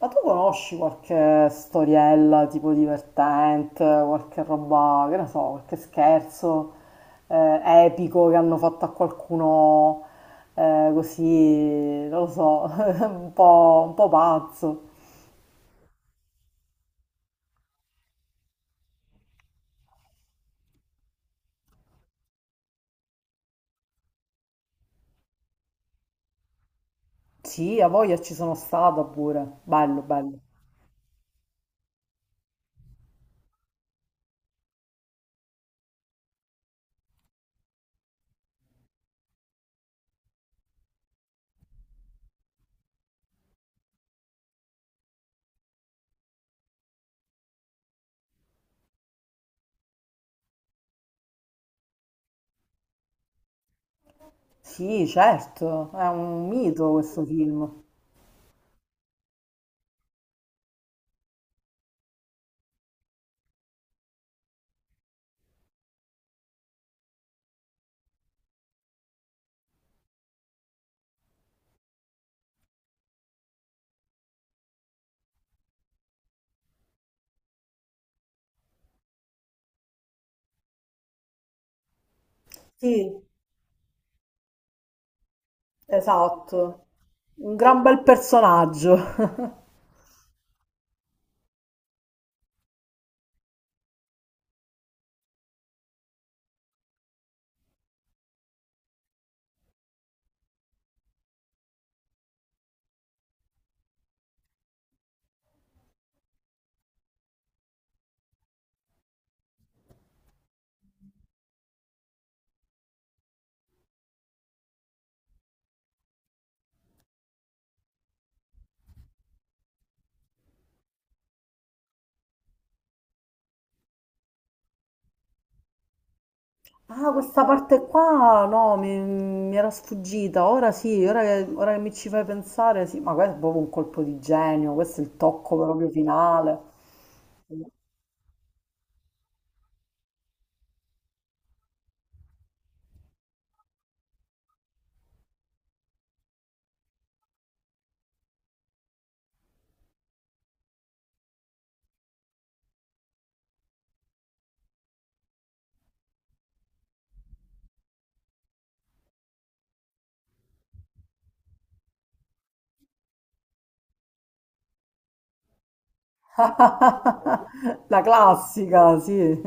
Ma tu conosci qualche storiella tipo divertente, qualche roba, che ne so, qualche scherzo eh, epico che hanno fatto a qualcuno così, non lo so, un po' pazzo? Sì, a voglia ci sono stata pure. Bello, bello. Sì, certo, è un mito questo film. Sì, esatto. Un gran bel personaggio. Ah, questa parte qua no, mi era sfuggita. Ora sì, ora che mi ci fai pensare, sì, ma questo è proprio un colpo di genio, questo è il tocco proprio finale. La classica, sì.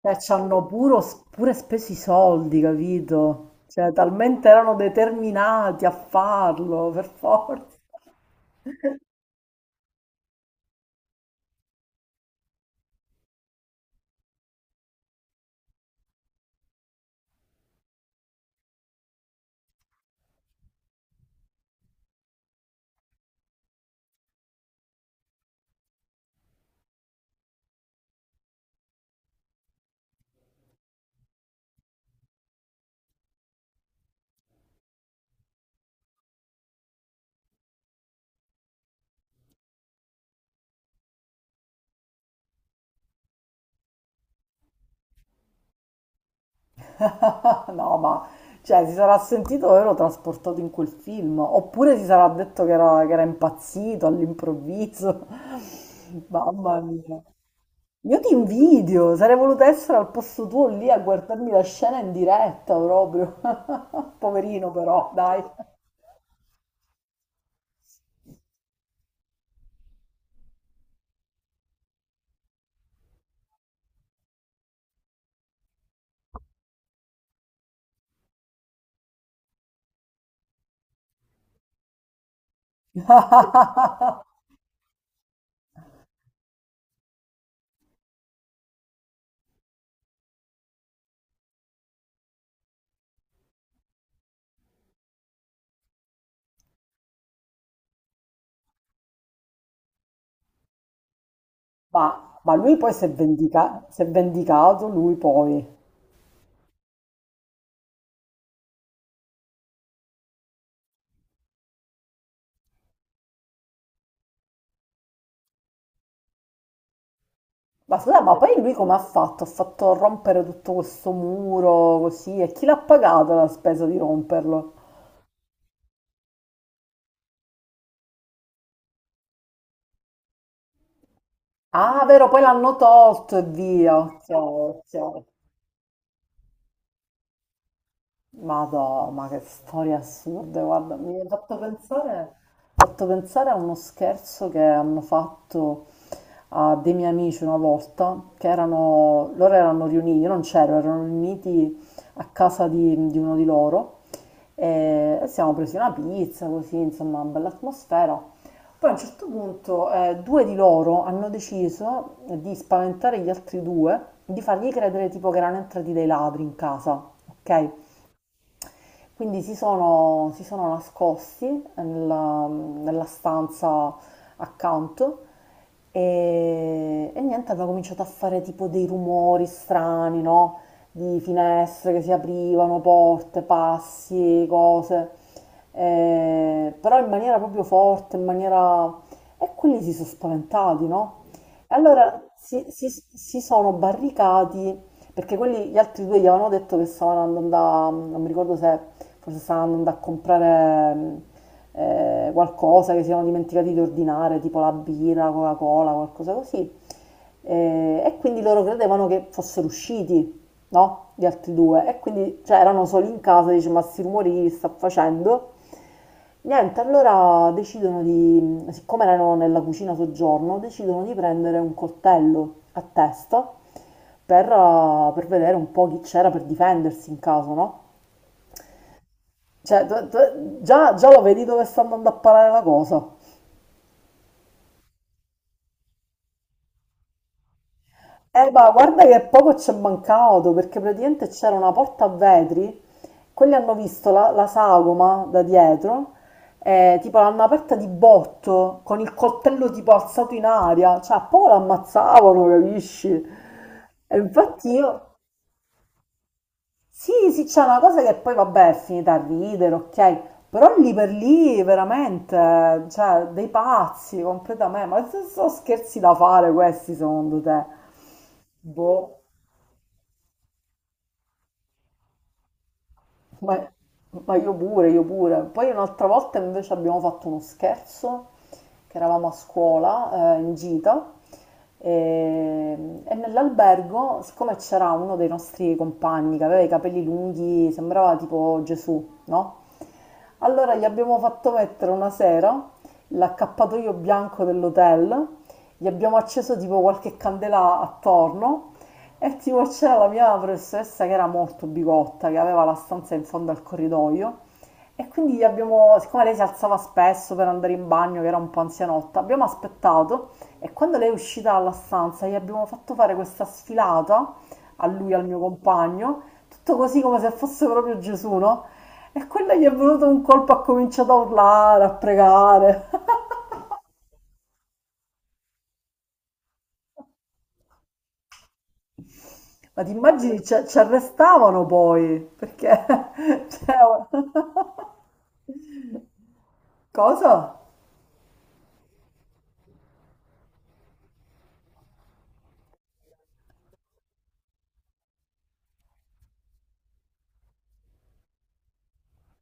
Cioè, pure speso i soldi, capito? Cioè, talmente erano determinati a farlo, per forza. No, ma cioè, si sarà sentito ero trasportato in quel film, oppure si sarà detto che era impazzito all'improvviso. Mamma mia. Io ti invidio, sarei voluta essere al posto tuo lì a guardarmi la scena in diretta proprio. Poverino però, dai. Ma lui poi si è vendicato, lui poi. Ma scusa, ma poi lui come ha fatto? Ha fatto rompere tutto questo muro così e chi l'ha pagato la spesa di romperlo? Ah, vero, poi l'hanno tolto e via. Ciao, ciao. Madò, ma che storie assurde, guarda, mi ha fatto pensare a uno scherzo che hanno fatto a dei miei amici una volta, che erano, loro erano riuniti, io non c'ero, erano riuniti a casa di uno di loro e siamo presi una pizza, così, insomma, una bella atmosfera. Poi a un certo punto due di loro hanno deciso di spaventare gli altri due, di fargli credere tipo che erano entrati dei ladri in casa, ok? Quindi si sono nascosti nella stanza accanto e niente, aveva cominciato a fare tipo dei rumori strani, no? Di finestre che si aprivano, porte, passi, cose. Però in maniera proprio forte, in maniera... E quelli si sono spaventati, no? E allora si sono barricati perché quelli, gli altri due gli avevano detto che stavano andando a, non mi ricordo se forse stavano andando a comprare qualcosa che si erano dimenticati di ordinare, tipo la birra, la Coca-Cola, qualcosa così. E quindi loro credevano che fossero usciti, no? Gli altri due. E quindi cioè, erano soli in casa, dice ma sti rumori che sta facendo? Niente, allora decidono di, siccome erano nella cucina soggiorno, decidono di prendere un coltello a testa per vedere un po' chi c'era per difendersi in caso, no? Cioè, già lo vedi dove sta andando a parare la cosa. Ma guarda che poco ci è mancato, perché praticamente c'era una porta a vetri, quelli hanno visto la sagoma da dietro, tipo l'hanno aperta di botto, con il coltello tipo alzato in aria, cioè a poco l'ammazzavano, capisci? E infatti io... Sì, sì, c'è una cosa che poi vabbè è finita a ridere, ok, però lì per lì veramente, cioè, dei pazzi completamente, ma se sono scherzi da fare questi secondo te? Boh. Ma, ma io pure, io pure. Poi un'altra volta invece abbiamo fatto uno scherzo, che eravamo a scuola, in gita, e, e nell'albergo, siccome c'era uno dei nostri compagni che aveva i capelli lunghi, sembrava tipo Gesù, no? Allora gli abbiamo fatto mettere una sera l'accappatoio bianco dell'hotel, gli abbiamo acceso tipo qualche candela attorno e tipo c'era la mia professoressa che era molto bigotta, che aveva la stanza in fondo al corridoio e quindi gli abbiamo, siccome lei si alzava spesso per andare in bagno, che era un po' anzianotta, abbiamo aspettato e quando lei è uscita dalla stanza gli abbiamo fatto fare questa sfilata a lui, al mio compagno, tutto così come se fosse proprio Gesù, no? E quella gli è venuto un colpo, ha cominciato a urlare, a pregare. Ma ti immagini, ci arrestavano poi, perché... cioè, Cosa?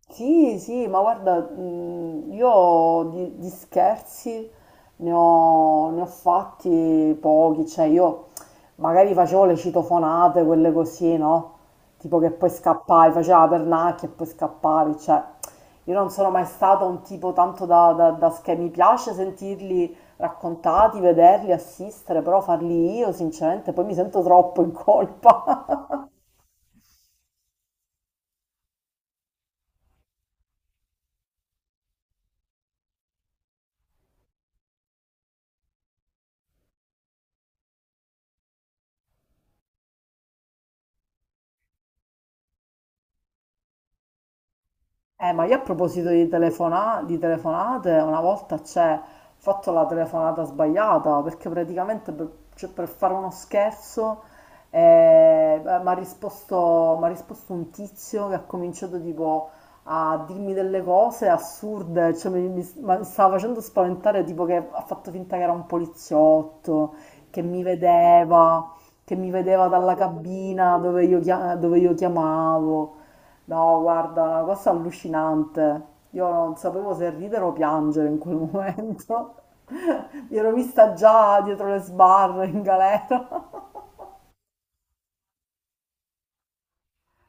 Sì, sì, ma guarda, io di scherzi ne ho fatti pochi, cioè io magari facevo le citofonate, quelle così, no? Tipo che poi scappavi, faceva la pernacchia e poi scappavi, cioè io non sono mai stato un tipo tanto da, da mi piace sentirli raccontati, vederli, assistere, però farli io sinceramente poi mi sento troppo in colpa. Ma io a proposito di, di telefonate, una volta c'è ho fatto la telefonata sbagliata perché praticamente per, cioè, per fare uno scherzo mi ha risposto, m'ha risposto un tizio che ha cominciato tipo a dirmi delle cose assurde, cioè, ma mi stava facendo spaventare, tipo che ha fatto finta che era un poliziotto, che mi vedeva, che mi vedeva dalla cabina dove io chiamavo. No, guarda, una cosa allucinante. Io non sapevo se ridere o piangere in quel momento. Mi ero vista già dietro le sbarre in galera.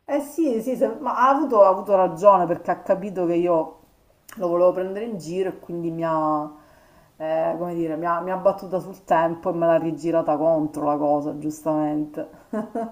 Eh sì, sì, ma ha avuto ragione perché ha capito che io lo volevo prendere in giro e quindi mi ha, come dire, mi ha battuta sul tempo e me l'ha rigirata contro la cosa, giustamente.